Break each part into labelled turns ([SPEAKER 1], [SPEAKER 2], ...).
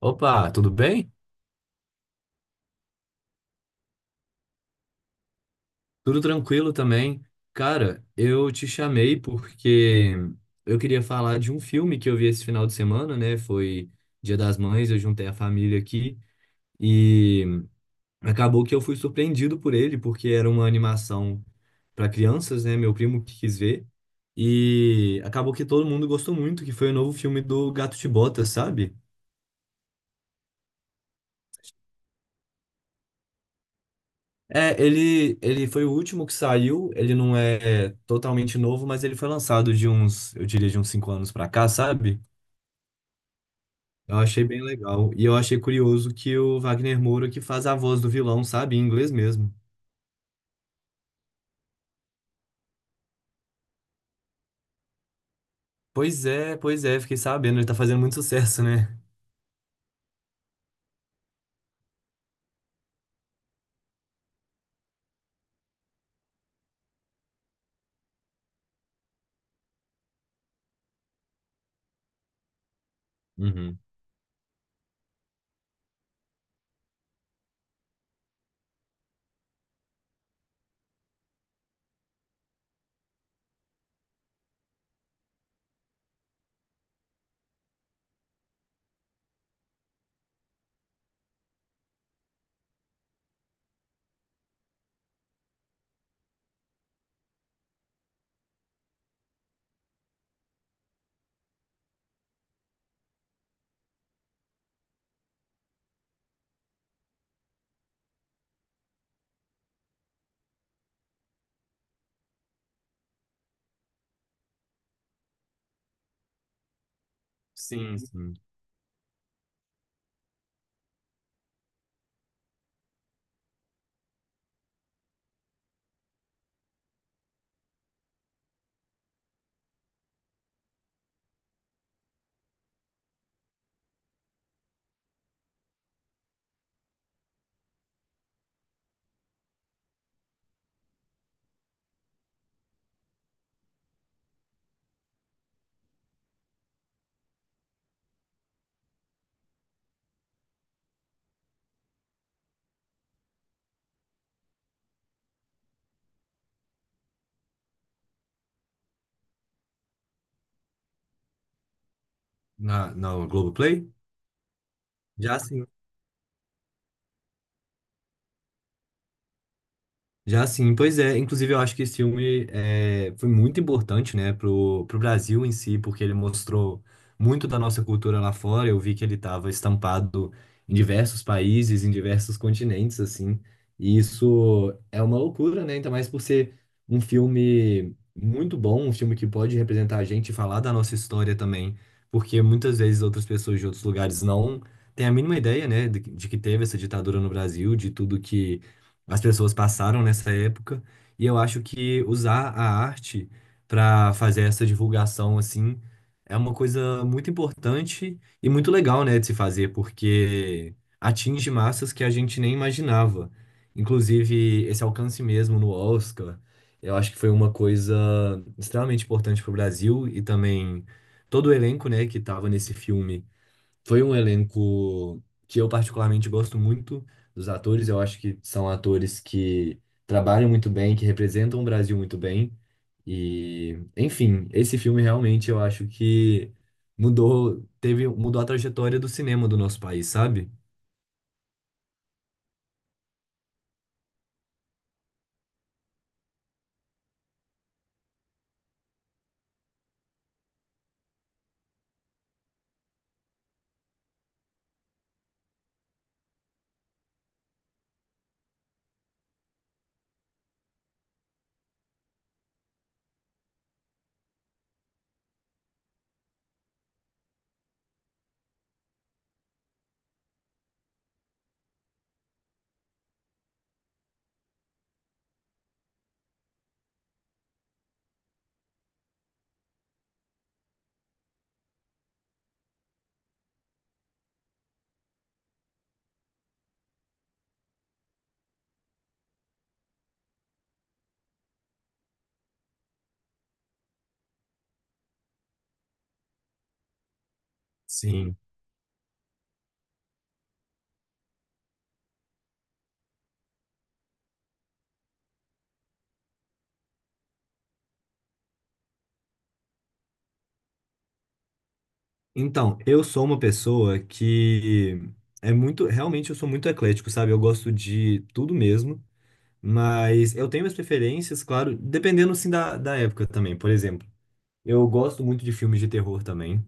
[SPEAKER 1] Opa, tudo bem? Tudo tranquilo também. Cara, eu te chamei porque eu queria falar de um filme que eu vi esse final de semana, né? Foi Dia das Mães, eu juntei a família aqui e acabou que eu fui surpreendido por ele, porque era uma animação para crianças, né? Meu primo que quis ver. E acabou que todo mundo gostou muito, que foi o novo filme do Gato de Botas, sabe? É, ele foi o último que saiu, ele não é totalmente novo, mas ele foi lançado de uns, eu diria, de uns cinco anos pra cá, sabe? Eu achei bem legal. E eu achei curioso que o Wagner Moura que faz a voz do vilão, sabe? Em inglês mesmo. Pois é, fiquei sabendo, ele tá fazendo muito sucesso, né? Uhum. Sim, sim. Na, na Globoplay? Já, já sim, pois é. Inclusive, eu acho que esse filme é, foi muito importante, né, pro Brasil em si, porque ele mostrou muito da nossa cultura lá fora. Eu vi que ele estava estampado em diversos países, em diversos continentes, assim. E isso é uma loucura, né? Ainda mais por ser um filme muito bom, um filme que pode representar a gente e falar da nossa história também, porque muitas vezes outras pessoas de outros lugares não têm a mínima ideia, né, de que teve essa ditadura no Brasil, de tudo que as pessoas passaram nessa época, e eu acho que usar a arte para fazer essa divulgação assim é uma coisa muito importante e muito legal, né, de se fazer, porque atinge massas que a gente nem imaginava. Inclusive, esse alcance mesmo no Oscar, eu acho que foi uma coisa extremamente importante para o Brasil e também todo o elenco, né, que estava nesse filme foi um elenco que eu particularmente gosto muito dos atores. Eu acho que são atores que trabalham muito bem, que representam o Brasil muito bem. E, enfim, esse filme realmente eu acho que mudou, teve, mudou a trajetória do cinema do nosso país, sabe? Sim. Então, eu sou uma pessoa que é muito, realmente eu sou muito eclético, sabe? Eu gosto de tudo mesmo, mas eu tenho minhas preferências, claro, dependendo sim da época também. Por exemplo, eu gosto muito de filmes de terror também.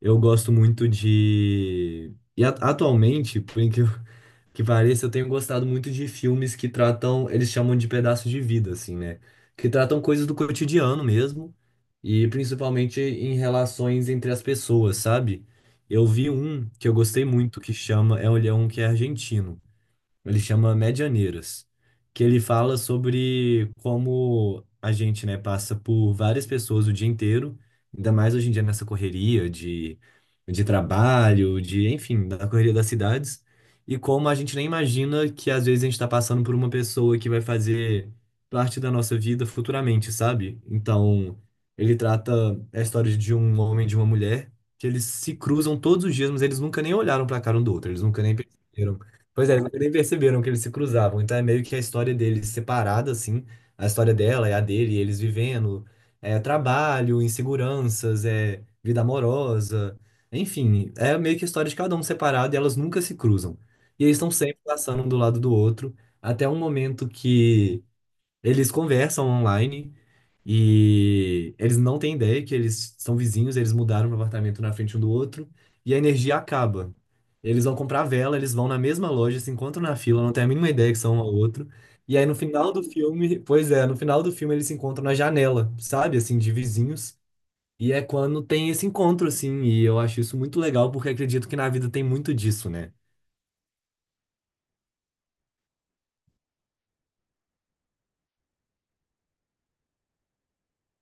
[SPEAKER 1] Eu gosto muito de. E atualmente, por incrível que pareça, eu tenho gostado muito de filmes que tratam, eles chamam de pedaços de vida, assim, né? Que tratam coisas do cotidiano mesmo, e principalmente em relações entre as pessoas, sabe? Eu vi um que eu gostei muito, que chama, é um ele é um que é argentino. Ele chama Medianeiras, que ele fala sobre como a gente, né, passa por várias pessoas o dia inteiro, ainda mais hoje em dia nessa correria de trabalho, de, enfim, da correria das cidades, e como a gente nem imagina que às vezes a gente está passando por uma pessoa que vai fazer parte da nossa vida futuramente, sabe? Então, ele trata a história de um homem e de uma mulher, que eles se cruzam todos os dias, mas eles nunca nem olharam para a cara um do outro, eles nunca nem perceberam. Pois é, eles nunca nem perceberam que eles se cruzavam. Então é meio que a história deles separada, assim. A história dela é a dele, eles vivendo. É trabalho, inseguranças, é vida amorosa. Enfim, é meio que a história de cada um separado e elas nunca se cruzam. E eles estão sempre passando um do lado do outro, até um momento que eles conversam online e eles não têm ideia que eles são vizinhos, eles mudaram para apartamento na frente um do outro e a energia acaba. Eles vão comprar vela, eles vão na mesma loja, se encontram na fila, não têm a mínima ideia que são um ao outro. E aí no final do filme, pois é, no final do filme eles se encontram na janela, sabe, assim, de vizinhos. E é quando tem esse encontro, assim, e eu acho isso muito legal porque acredito que na vida tem muito disso, né?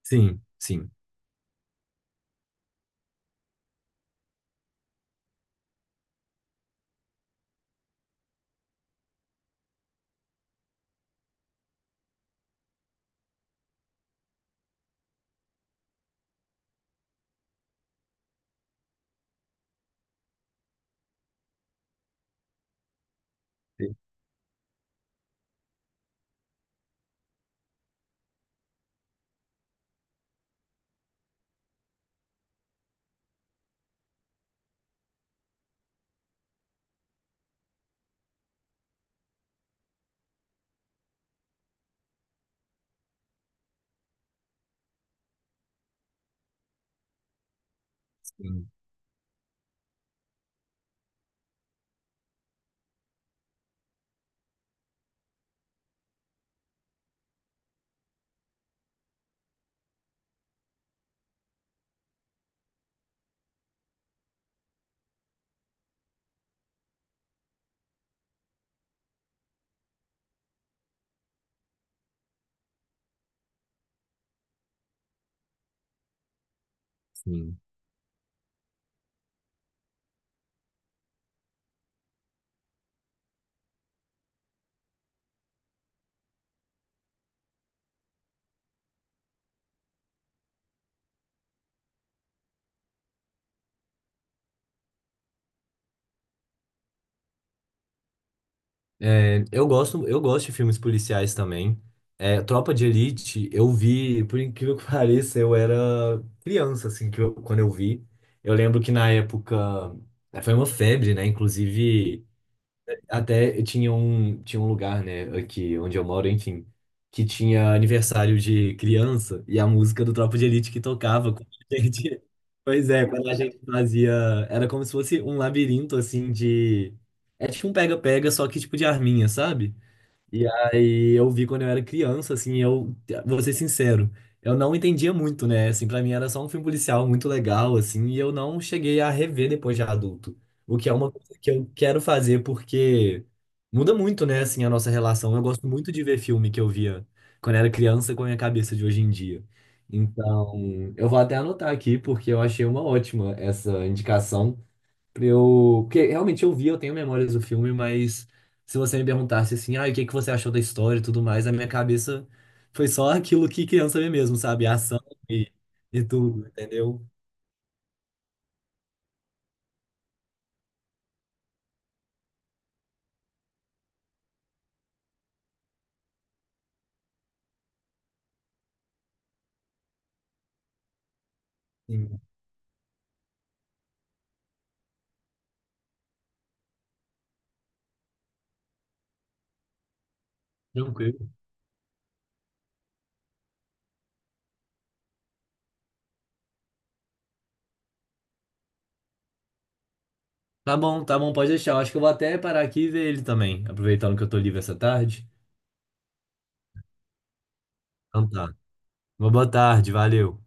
[SPEAKER 1] Sim, sim. Sim, sim. É, eu gosto de filmes policiais também. É, Tropa de Elite, eu vi, por incrível que pareça, eu era criança, assim, quando eu vi. Eu lembro que na época foi uma febre, né? Inclusive. Até tinha um lugar, né, aqui onde eu moro, enfim, que tinha aniversário de criança e a música do Tropa de Elite que tocava quando a gente. Pois é, quando a gente fazia. Era como se fosse um labirinto, assim, de. É tipo um pega-pega, só que tipo de arminha, sabe? E aí eu vi quando eu era criança, assim, eu vou ser sincero, eu não entendia muito, né? Assim, pra mim era só um filme policial muito legal, assim, e eu não cheguei a rever depois de adulto. O que é uma coisa que eu quero fazer porque muda muito, né, assim, a nossa relação. Eu gosto muito de ver filme que eu via quando era criança com a minha cabeça de hoje em dia. Então, eu vou até anotar aqui porque eu achei uma ótima essa indicação. Pra eu, porque realmente eu vi, eu tenho memórias do filme, mas se você me perguntasse assim, ah, e o que que você achou da história e tudo mais, a minha cabeça foi só aquilo que criança vê mesmo, sabe? A ação e, e tudo, entendeu? Sim. Tranquilo. Tá bom, pode deixar. Eu acho que eu vou até parar aqui e ver ele também, aproveitando que eu tô livre essa tarde. Então tá. Uma boa tarde, valeu.